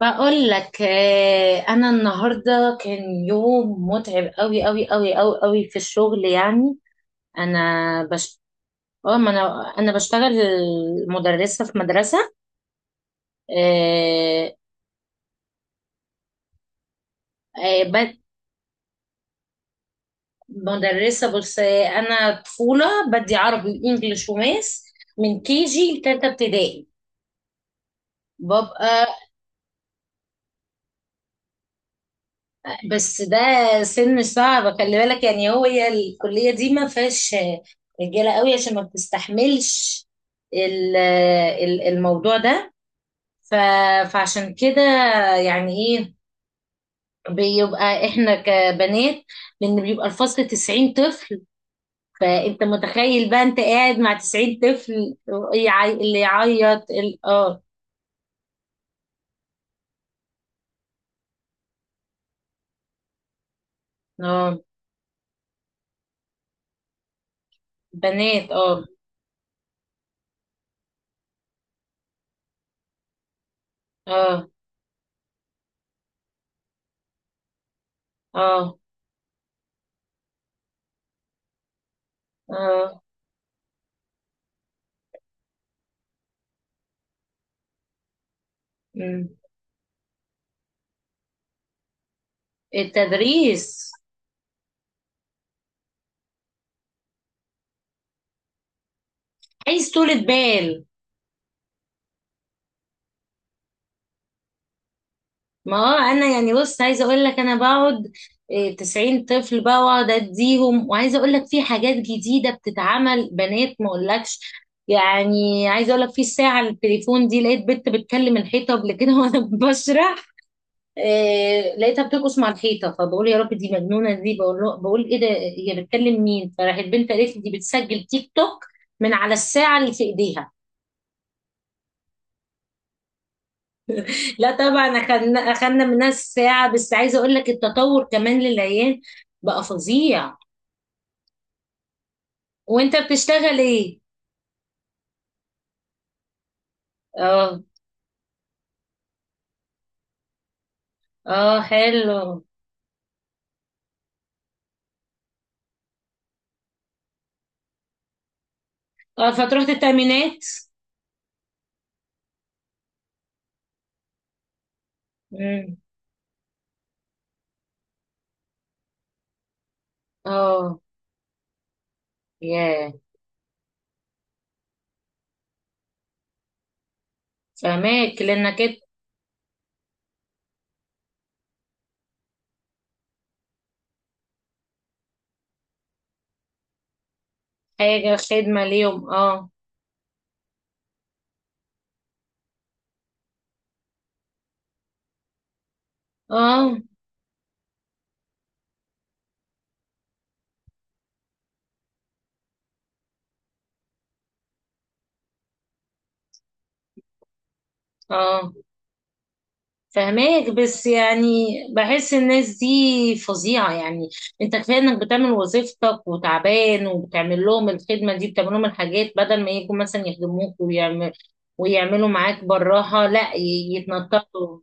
بقول لك انا النهارده كان يوم متعب قوي قوي قوي قوي قوي في الشغل يعني. انا بش اه ما انا بشتغل مدرسه، في مدرسه. آه، آه، بد- مدرسه. بص، انا طفوله، بدي عربي وانجليش وماس من كي جي لتالتة ابتدائي ببقى. بس ده سن صعب، خلي بالك. يعني هي الكلية دي ما فيهاش رجالة قوي عشان ما بتستحملش ال- الموضوع ده. ف- فعشان كده يعني ايه بيبقى احنا كبنات، لان بيبقى الفصل 90 طفل. فانت متخيل بقى انت قاعد مع 90 طفل، اللي يعيط اه. بنات، اه، اه، اه، اه. مم. التدريس عايز طولة بال. ما هو انا يعني بص، عايزه اقول لك انا بقعد، 90 طفل بقى، واقعد اديهم. وعايزه اقول لك في حاجات جديده بتتعمل بنات ما اقولكش. يعني عايزه اقول لك، في الساعه التليفون دي لقيت بنت بتكلم الحيطه قبل كده وانا بشرح. لقيتها بترقص مع الحيطه، فبقول يا رب دي مجنونه، دي بقول له بقول ايه ده هي بتكلم مين. فراحت البنت قالت لي دي بتسجل تيك توك من على الساعه اللي في ايديها. لا طبعا اخدنا منها الساعة. بس عايزة اقول لك التطور كمان للعيال بقى فظيع. وانت بتشتغل ايه؟ اه. اه، حلو. اه، فتروح التأمينات. مم. اه. ياه. فهماك لانك إنت. حاجة خدمة ليهم، اه. اه. اه. فهماك، بس يعني بحس الناس دي فظيعة يعني. انت كفاية انك بتعمل وظيفتك وتعبان وبتعمل لهم الخدمة دي، بتعمل لهم الحاجات، بدل ما يجوا مثلا يخدموك ويعمل ويعملوا معاك براها، لا يتنططوا.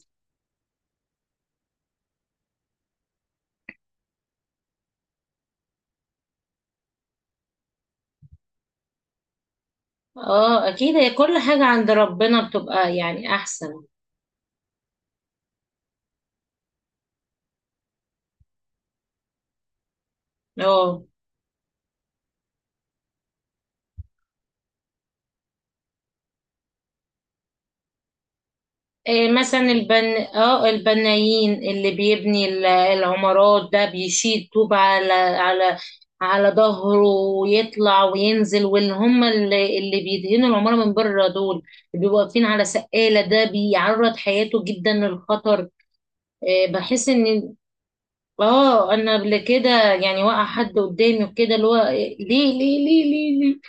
اه، اكيد، هي كل حاجة عند ربنا بتبقى يعني احسن. اه. إيه مثلا البن اه، البنايين اللي بيبني العمارات، ده بيشيل طوب على على على ظهره ويطلع وينزل. واللي هم اللي بيدهنوا العمارة من بره دول، اللي بيبقوا واقفين على سقالة ده بيعرض حياته جدا للخطر. إيه، بحس ان اه، انا قبل كده يعني وقع حد قدامي وكده، اللي هو ليه ليه ليه ليه.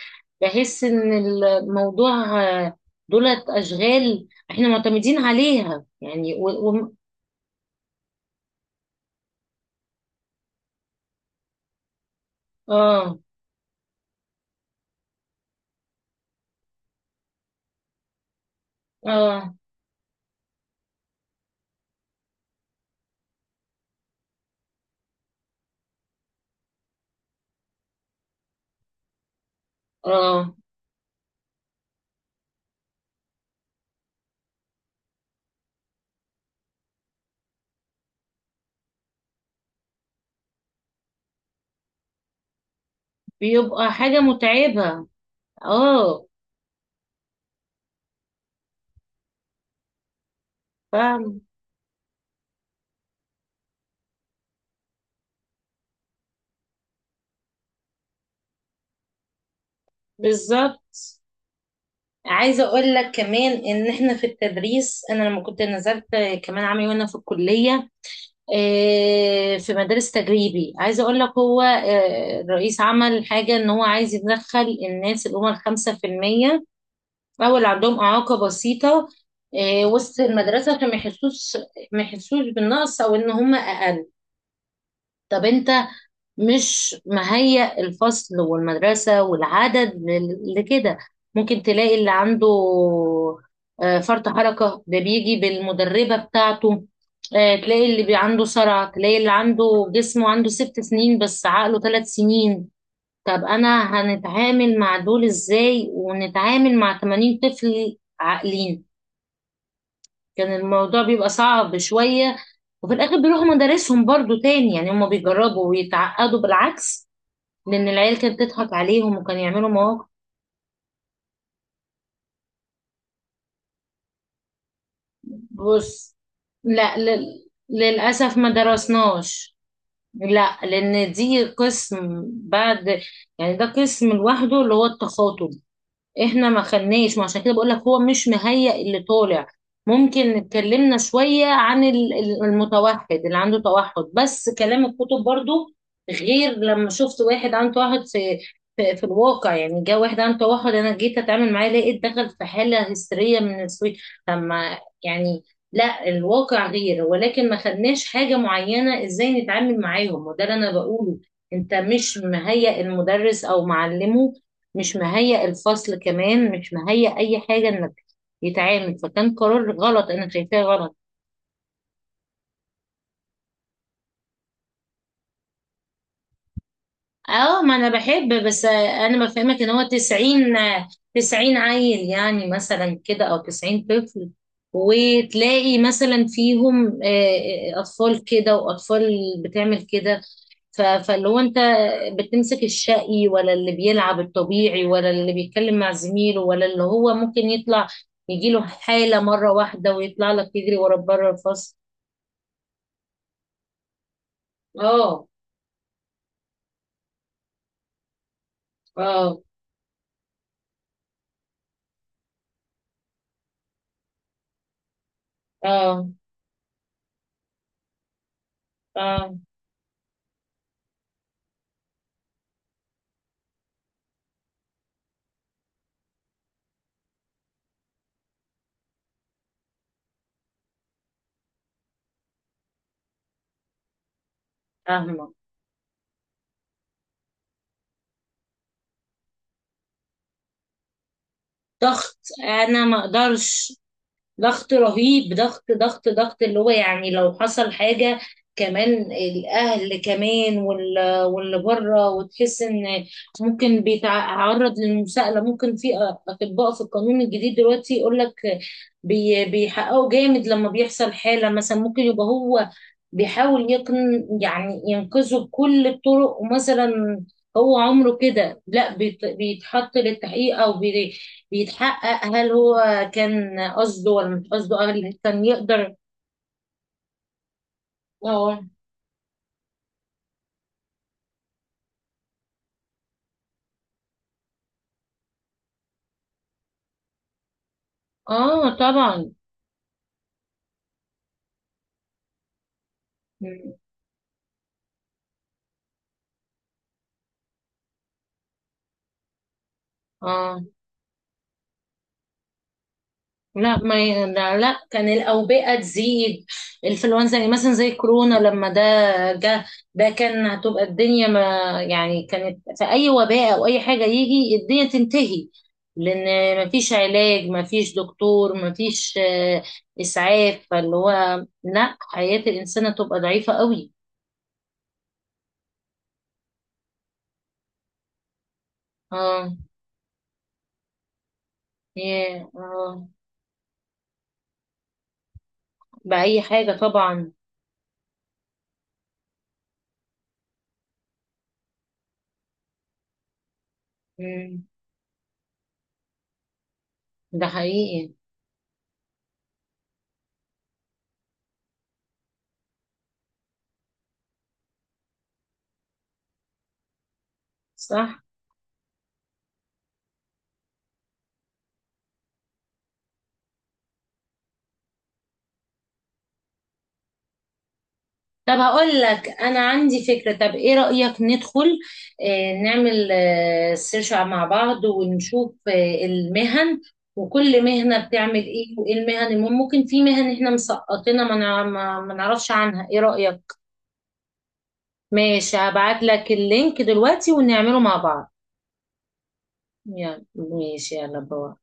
بحس ان الموضوع دولت اشغال احنا معتمدين عليها يعني اه. اه. اه، بيبقى حاجة متعبة. اه. فاهم. بالظبط. عايزة اقول لك كمان ان احنا في التدريس، انا لما كنت نزلت كمان عامل وانا في الكلية، في مدارس تجريبي. عايزة اقول لك هو، الرئيس عمل حاجة ان هو عايز يدخل الناس اللي هم الخمسة في المية أو اللي عندهم إعاقة بسيطة وسط المدرسة عشان ما يحسوش، ما يحسوش بالنقص أو إن هم أقل. طب أنت مش مهيأ الفصل والمدرسة والعدد لكده. ممكن تلاقي اللي عنده فرط حركة ده بيجي بالمدربة بتاعته. تلاقي اللي عنده صرع، تلاقي اللي عنده جسمه عنده ست سنين بس عقله ثلاث سنين. طب أنا هنتعامل مع دول إزاي ونتعامل مع 80 طفل عاقلين؟ كان الموضوع بيبقى صعب شوية. وفي الآخر بيروحوا مدارسهم برضو تاني، يعني هما بيجربوا ويتعقدوا بالعكس، لأن العيال كانت تضحك عليهم وكانوا يعملوا مواقف. بص، لا لل... للأسف ما درسناش، لا، لأن دي قسم بعد. يعني ده قسم لوحده، اللي هو التخاطب. احنا ما خدناش، ما عشان كده بقول لك هو مش مهيأ اللي طالع. ممكن اتكلمنا شوية عن المتوحد اللي عنده توحد، بس كلام الكتب، برضو غير لما شفت واحد عنده توحد في الواقع. يعني جه واحد عنده توحد، انا جيت اتعامل معاه لقيت دخل في حالة هستيرية من السويد لما يعني. لا، الواقع غير، ولكن ما خدناش حاجة معينة ازاي نتعامل معاهم، وده اللي انا بقوله. انت مش مهيأ المدرس او معلمه، مش مهيأ الفصل كمان، مش مهيأ اي حاجة انك يتعامل، فكان قرار غلط، انا شايفاه غلط. اه، ما انا بحب. بس انا بفهمك ان هو 90، 90 عيل يعني مثلا كده، او 90 طفل، وتلاقي مثلا فيهم اطفال كده واطفال بتعمل كده. فاللي هو انت بتمسك الشقي، ولا اللي بيلعب الطبيعي، ولا اللي بيتكلم مع زميله، ولا اللي هو ممكن يطلع يجيله حالة مرة واحدة ويطلع لك يجري ورا بره الفصل. اه. اه. اه. اه. فاهمة. ضغط، انا ما اقدرش. ضغط رهيب، ضغط ضغط ضغط اللي هو يعني لو حصل حاجة. كمان الأهل كمان واللي بره، وتحس إن ممكن بيتعرض للمساءلة. ممكن في أطباء في القانون الجديد دلوقتي يقول لك بيحققوا جامد لما بيحصل حالة. مثلا ممكن يبقى هو بيحاول يقن يعني ينقذه بكل الطرق، ومثلا هو عمره كده، لا بيتحط للتحقيق أو بيتحقق هل هو كان قصده ولا مش قصده، قبل كان يقدر. اه. اه، طبعا. مم. اه. لا، ما ي- لا لا، كان الاوبئه تزيد، الانفلونزا، يعني مثلا زي كورونا لما ده جه. ده كان هتبقى الدنيا، ما يعني كانت في اي وباء او اي حاجه يجي الدنيا تنتهي. لان ما فيش علاج، ما فيش دكتور، ما فيش اسعاف. فاللي هو لا، حياه الانسان هتبقى ضعيفه قوي. اه. ياه، اه. بأي حاجة طبعا. مم. ده حقيقي. صح. طب هقول لك انا عندي فكرة. طب ايه رأيك ندخل نعمل سيرش مع بعض ونشوف المهن، وكل مهنة بتعمل ايه، وايه المهن المهم؟ ممكن في مهن احنا مسقطينها، ما نع- ما ما نعرفش عنها، ايه رأيك؟ ماشي، هبعت لك اللينك دلوقتي ونعمله مع بعض. يلا ماشي، يلا باي.